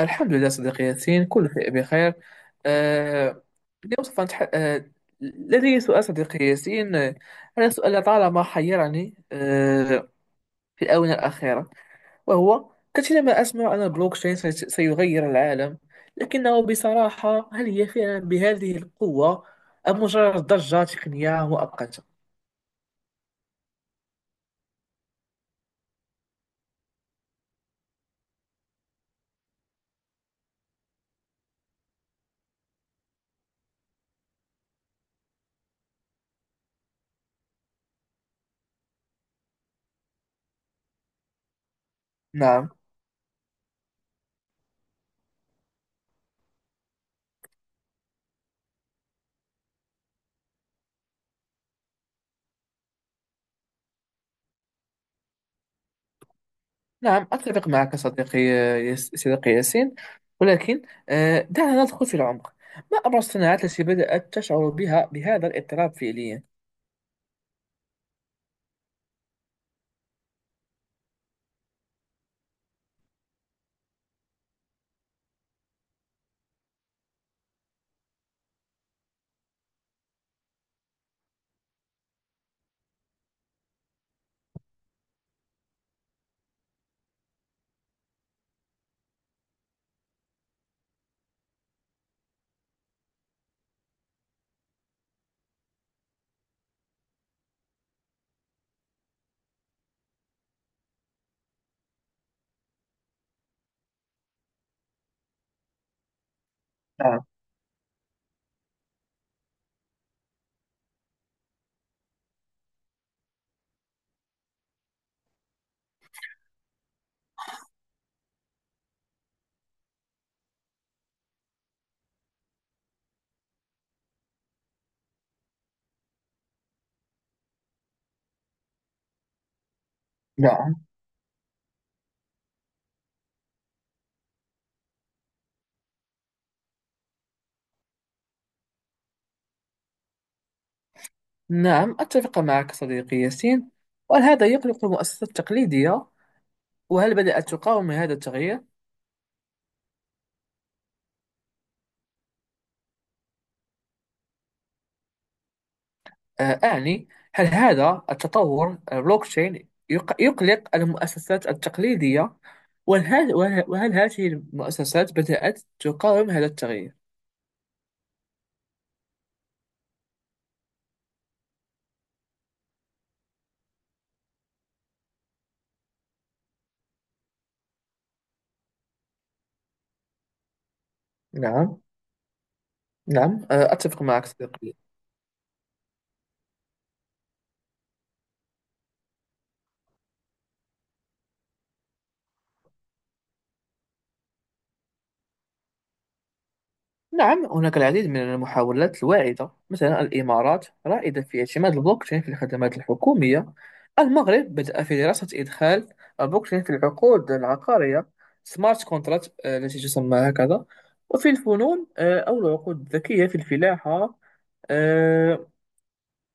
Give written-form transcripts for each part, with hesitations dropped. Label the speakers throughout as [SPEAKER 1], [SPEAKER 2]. [SPEAKER 1] الحمد لله صديقي ياسين، كل شيء بخير. آه، اليوم سوف نتح... آه، لدي سؤال صديقي ياسين. هذا سؤال طالما حيرني في الآونة الأخيرة، وهو كثيرا ما أسمع أن البلوكشين سيغير العالم، لكنه بصراحة، هل هي فعلا بهذه القوة أم مجرد ضجة تقنية مؤقتة؟ نعم، نعم، أتفق معك صديقي. صديقي ياسين، ولكن دعنا ندخل في العمق. ما أبرز الصناعات التي بدأت تشعر بها بهذا الاضطراب فعليا؟ نعم، نعم، نعم، أتفق معك صديقي ياسين. وهل هذا يقلق المؤسسات التقليدية؟ وهل بدأت تقاوم هذا التغيير؟ أعني، هل هذا التطور البلوكتشين يقلق المؤسسات التقليدية؟ وهل هذه المؤسسات بدأت تقاوم هذا التغيير؟ نعم، نعم، أتفق معك صديقي. نعم، هناك العديد من المحاولات الواعدة. مثلا، الإمارات رائدة في اعتماد البلوكتشين في الخدمات الحكومية. المغرب بدأ في دراسة إدخال البلوكتشين في العقود العقارية، سمارت كونتراكت التي تسمى هكذا. وفي الفنون، أو العقود الذكية في الفلاحة، آه،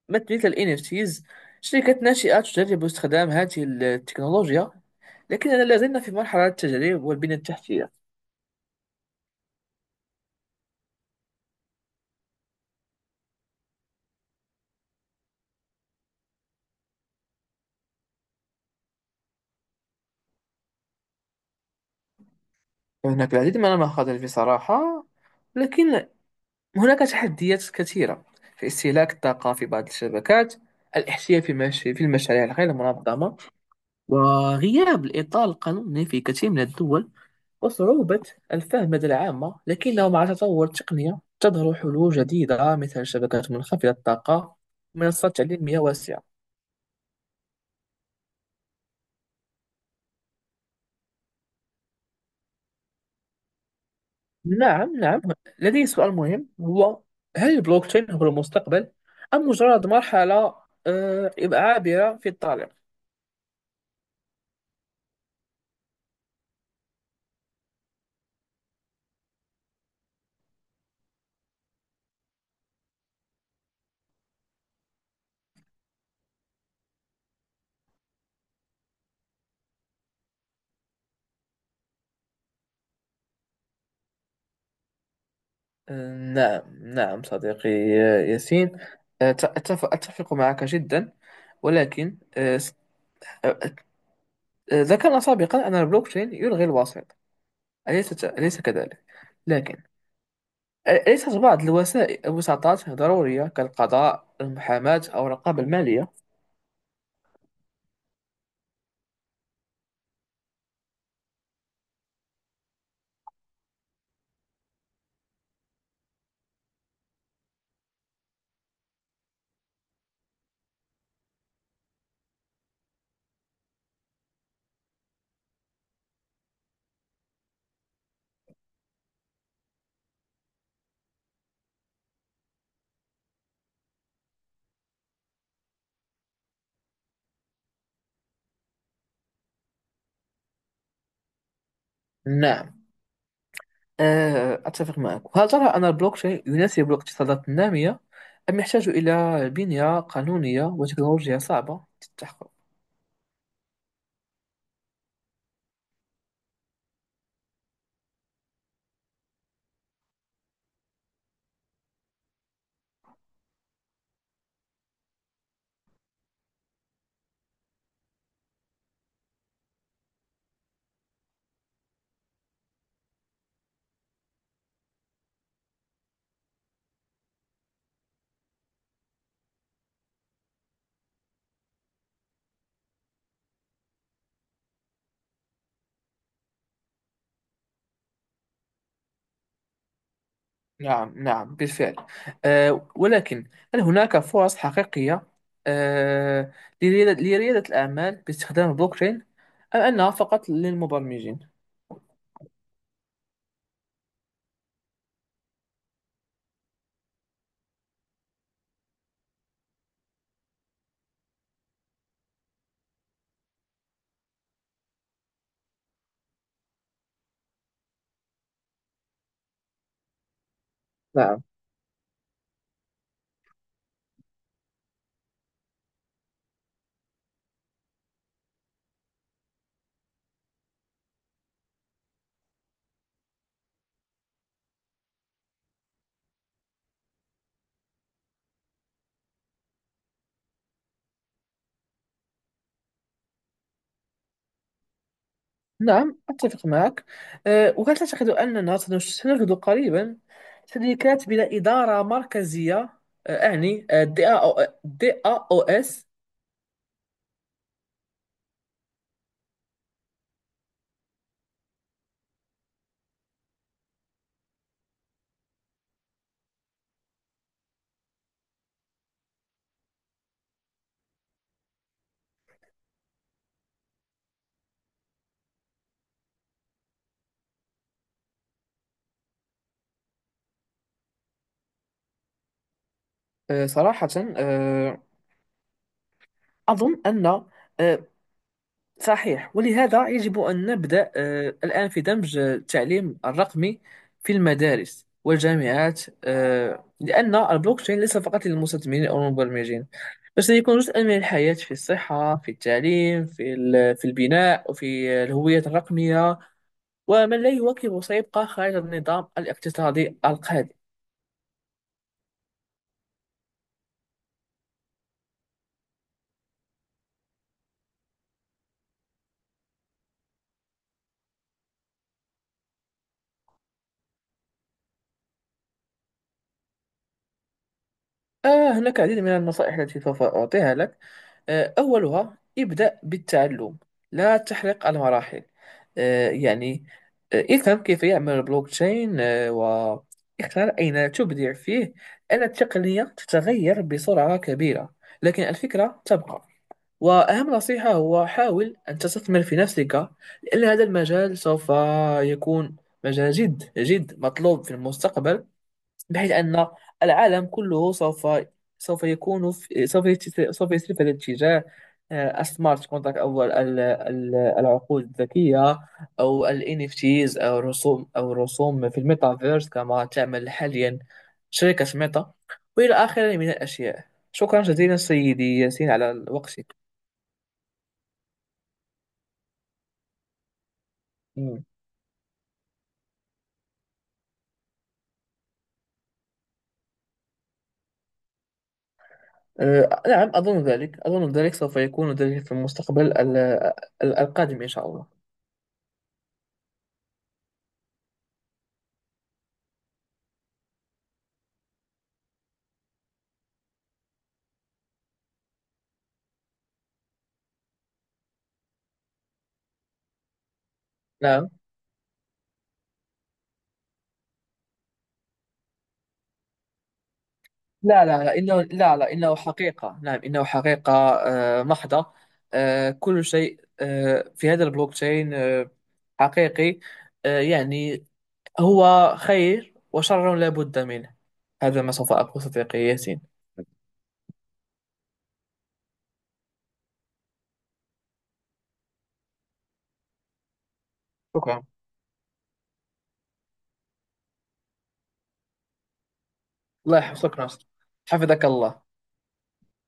[SPEAKER 1] مثل الNFTs. شركات ناشئة تجرب استخدام هذه التكنولوجيا، لكننا لا زلنا في مرحلة التجريب والبنية التحتية. هناك العديد من المخاطر بصراحة. لكن هناك تحديات كثيرة في استهلاك الطاقة في بعض الشبكات، الاحتيال في في المشاريع الغير منظمة، وغياب الإطار القانوني في كثير من الدول، وصعوبة الفهم لدى العامة. لكنه مع تطور التقنية تظهر حلول جديدة، مثل شبكات منخفضة الطاقة ومنصات تعليمية واسعة. نعم، نعم، لدي سؤال مهم هو: هل البلوكتشين هو المستقبل أم مجرد مرحلة عابرة في الطريق؟ نعم، نعم صديقي ياسين، أتفق معك جدا. ولكن آه، ذكرنا سابقا أن البلوكتشين يلغي الوسيط. أليس كذلك؟ لكن، أليست بعض الوسائل، الوساطات، ضرورية، كالقضاء، المحاماة أو الرقابة المالية؟ نعم، أتفق معك. وهل ترى أن البلوك تشين يناسب الاقتصادات النامية أم يحتاج إلى بنية قانونية وتكنولوجيا صعبة للتحقق؟ نعم، نعم، بالفعل. ولكن، هل هناك فرص حقيقية آه، لريادة الأعمال باستخدام البلوك تشين، أم أنها فقط للمبرمجين؟ نعم، نعم، أتفق معك. وهل تعتقد أننا سنجد قريبا شركات بلا إدارة مركزية؟ أعني دي أو إس. صراحة، أه، أظن أن، أه، صحيح، ولهذا يجب أن نبدأ الآن في دمج التعليم الرقمي في المدارس والجامعات، لأن البلوكتشين ليس فقط للمستثمرين أو المبرمجين، بل سيكون جزءا من الحياة، في الصحة، في التعليم، في في البناء، وفي الهوية الرقمية. ومن لا يواكب سيبقى خارج النظام الاقتصادي القادم. هناك العديد من النصائح التي سوف أعطيها لك. أولها: ابدأ بالتعلم، لا تحرق المراحل. يعني، افهم كيف يعمل البلوكتشين، واختار أين تبدع فيه. أن التقنية تتغير بسرعة كبيرة، لكن الفكرة تبقى. وأهم نصيحة هو: حاول أن تستثمر في نفسك، لأن هذا المجال سوف يكون مجال جد جد مطلوب في المستقبل. بحيث أن العالم كله سوف يكون في سوف يسير في هذا الاتجاه. السمارت كونتراكت، أو العقود الذكية، أو ال NFTs، أو الرسوم، في الميتافيرس، كما تعمل حاليا شركة ميتا، وإلى آخره من الأشياء. شكرا جزيلا سيدي ياسين على وقتك. مم. نعم، أظن ذلك، سوف يكون ذلك في المستقبل القادم، إن شاء الله. نعم، لا، لا، لا، إنه حقيقة، نعم، إنه حقيقة محضة. كل شيء في هذا البلوك تشين حقيقي. يعني، هو خير وشر لا بد منه. هذا ما سوف أقول، صديقي ياسين. شكرا، الله يحفظك. شكرا، حفظك الله.